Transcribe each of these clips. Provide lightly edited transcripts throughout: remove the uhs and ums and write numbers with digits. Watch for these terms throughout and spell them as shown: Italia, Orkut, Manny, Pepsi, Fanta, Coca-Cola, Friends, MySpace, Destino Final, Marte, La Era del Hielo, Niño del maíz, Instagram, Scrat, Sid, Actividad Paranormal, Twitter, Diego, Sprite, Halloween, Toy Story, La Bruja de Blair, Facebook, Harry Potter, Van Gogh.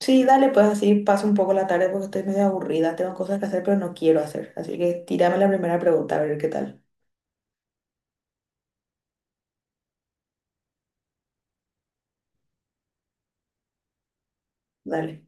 Sí, dale, pues así paso un poco la tarde porque estoy medio aburrida, tengo cosas que hacer pero no quiero hacer. Así que tírame la primera pregunta a ver qué tal. Dale.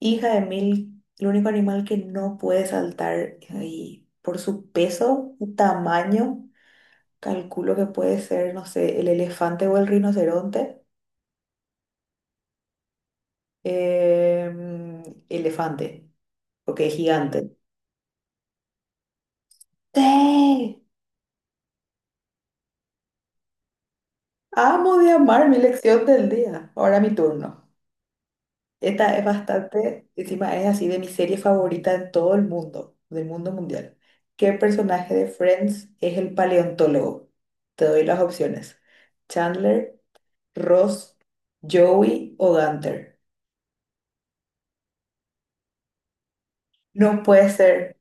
Hija de mil, el único animal que no puede saltar y por su peso, su tamaño, calculo que puede ser, no sé, el elefante o el rinoceronte. Em, Elefante, porque es gigante. ¡Sí! Amo de amar mi lección del día. Ahora mi turno. Esta es bastante, encima es así de mi serie favorita en todo el mundo, del mundo mundial. ¿Qué personaje de Friends es el paleontólogo? Te doy las opciones. Chandler, Ross, Joey o Gunther. No puede ser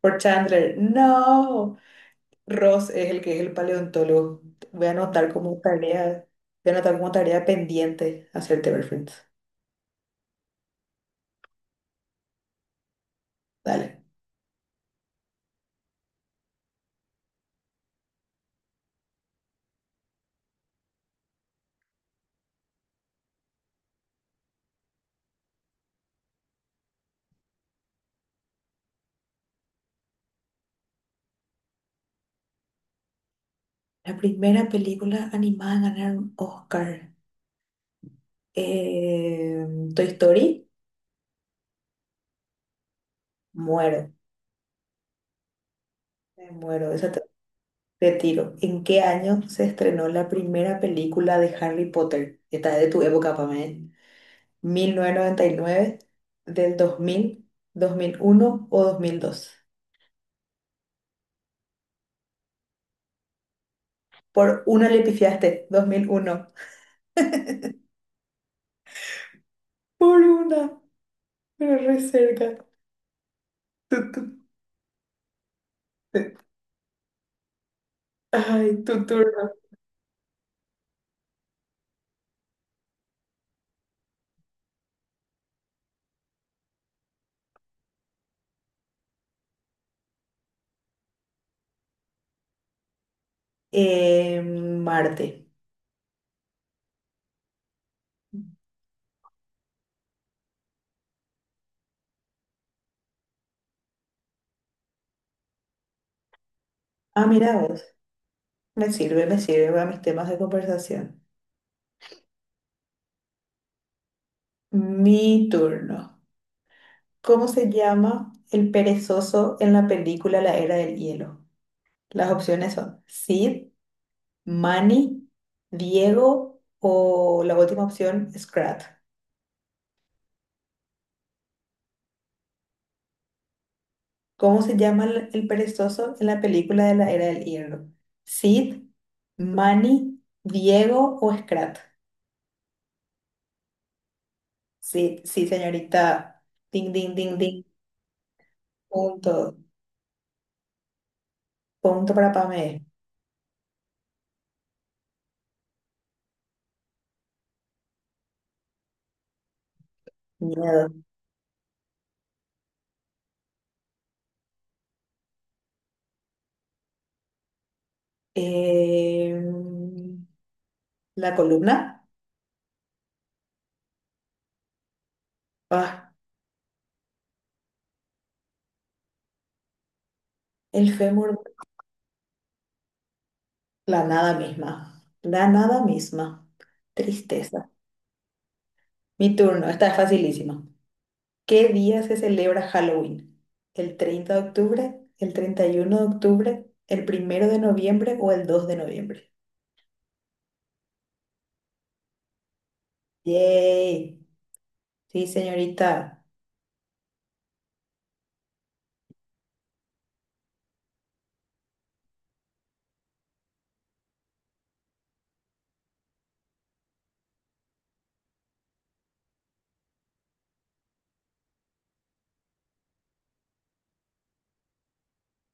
por Chandler. No. Ross es el que es el paleontólogo. Voy a anotar como tarea, voy a anotar como tarea pendiente hacerte ver Friends. Dale. La primera película animada en ganar un Oscar. Eh, Toy Story, muero, me muero, esa te, te tiro. ¿En qué año se estrenó la primera película de Harry Potter? Esta es de tu época, Pamela. ¿1999, del dos mil, 2001 o 2002? Por una le pifiaste, 2001. Por una, pero re cerca. Tu, tu- eh, Ay, tu turno. Marte. Ah, mira vos. Me sirve para mis temas de conversación. Mi turno. ¿Cómo se llama el perezoso en la película La Era del Hielo? Las opciones son Sid, Manny, Diego o la última opción, Scrat. ¿Cómo se llama el perezoso en la película de La Era del Hielo? Sid, Manny, Diego o Scrat. Sí, sí, señorita. Ding, ding, ding, ding. Punto. Punto para Pame. Miedo. Em, la columna. Ah. El fémur. La nada misma. La nada misma. Tristeza. Mi turno, esta es facilísima. ¿Qué día se celebra Halloween? ¿El 30 de octubre, el 31 de octubre, el 1 de noviembre o el 2 de noviembre? ¡Yay! Sí, señorita.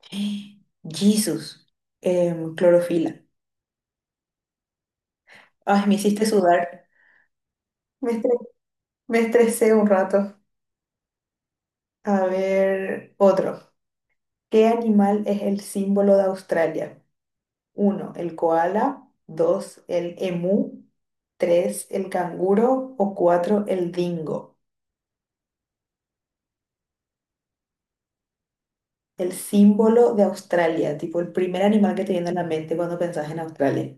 Jesús. Clorofila. Ay, me hiciste sudar. Me estre- Me estresé un rato. A ver, otro. ¿Qué animal es el símbolo de Australia? Uno, el koala. Dos, el emú. Tres, el canguro. O cuatro, el dingo. El símbolo de Australia, tipo el primer animal que te viene a la mente cuando pensás en Australia.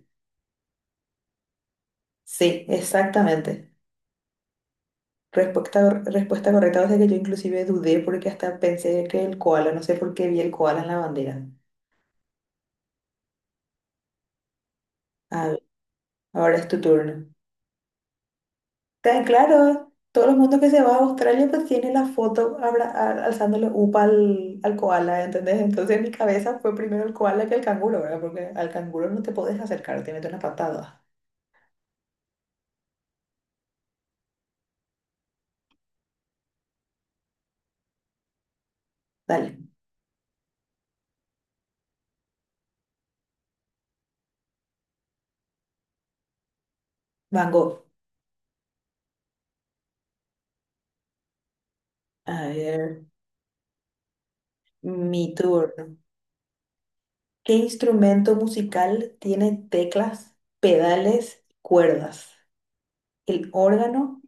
Sí, exactamente. Respuesta correcta, o sea que yo inclusive dudé porque hasta pensé que el koala, no sé por qué vi el koala en la bandera. A ver, ahora es tu turno. Tan claro, todo el mundo que se va a Australia pues tiene la foto alzándole upa al, al koala, ¿entendés? Entonces en mi cabeza fue primero el koala que el canguro, ¿verdad? Porque al canguro no te podés acercar, te mete una patada. Dale, Van Gogh. A ver, mi turno. ¿Qué instrumento musical tiene teclas, pedales, cuerdas? ¿El órgano?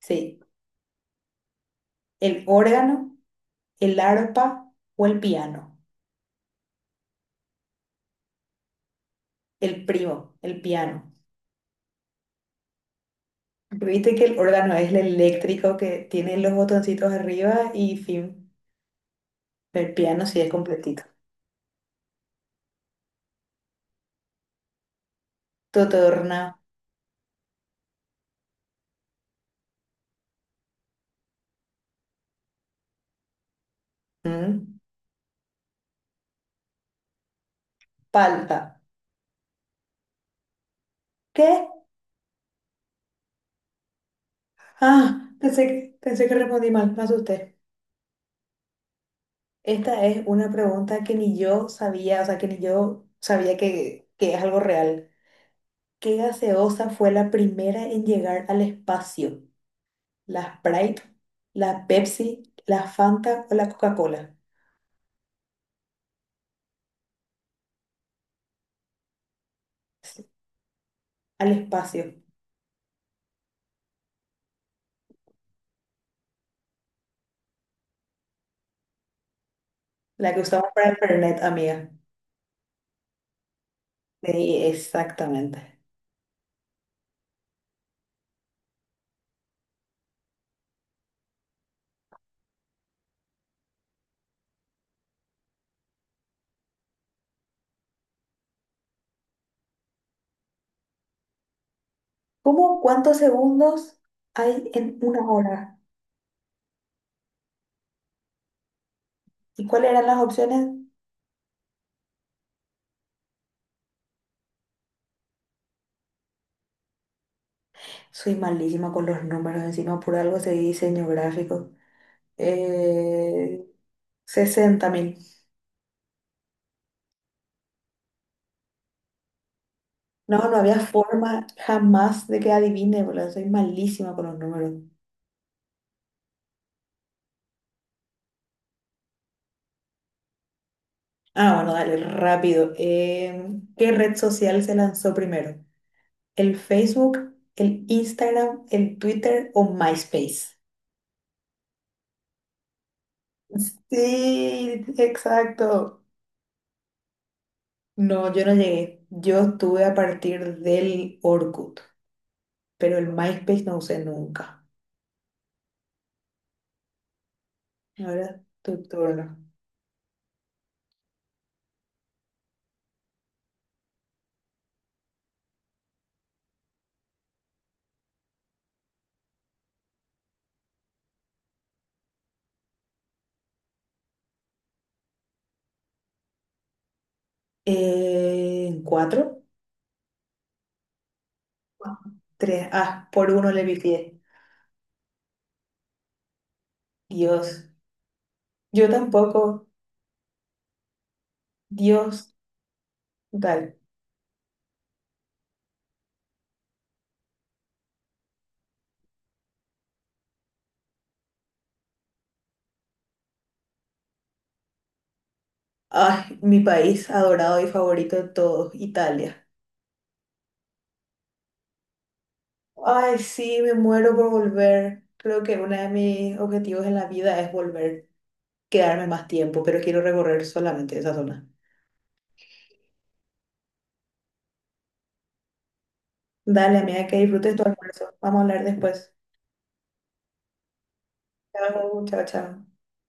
Sí, el órgano, el arpa o el piano. El primo, el piano. Viste que el órgano es el eléctrico que tiene los botoncitos arriba y fin. El piano sí es completito. Totorna. mm, Palta. ¿Qué? Ah, pensé que respondí mal, me asusté. Esta es una pregunta que ni yo sabía, o sea, que ni yo sabía que es algo real. ¿Qué gaseosa fue la primera en llegar al espacio? ¿La Sprite, la Pepsi, la Fanta o la Coca-Cola? Al espacio. La que usamos para internet, amiga. Sí, exactamente. ¿Cómo cuántos segundos hay en una hora? ¿Y cuáles eran las opciones? Soy malísima con los números, encima por algo de diseño gráfico. Eh, 60 mil. No, no había forma jamás de que adivine, boludo. Soy malísima con los números. Ah, bueno, dale, rápido. ¿Qué red social se lanzó primero? ¿El Facebook, el Instagram, el Twitter o MySpace? Sí, exacto. No, yo no llegué. Yo estuve a partir del Orkut, pero el MySpace no usé nunca. Ahora tu turno. ¿Cuatro? Tres. Ah, por uno le pifié. Dios. Yo tampoco. Dios. Tal. Ay, mi país adorado y favorito de todos, Italia. Ay, sí, me muero por volver. Creo que uno de mis objetivos en la vida es volver, quedarme más tiempo, pero quiero recorrer solamente esa zona. Dale, amiga, que disfrutes tu almuerzo. Vamos a hablar después. Chao, chao, chao.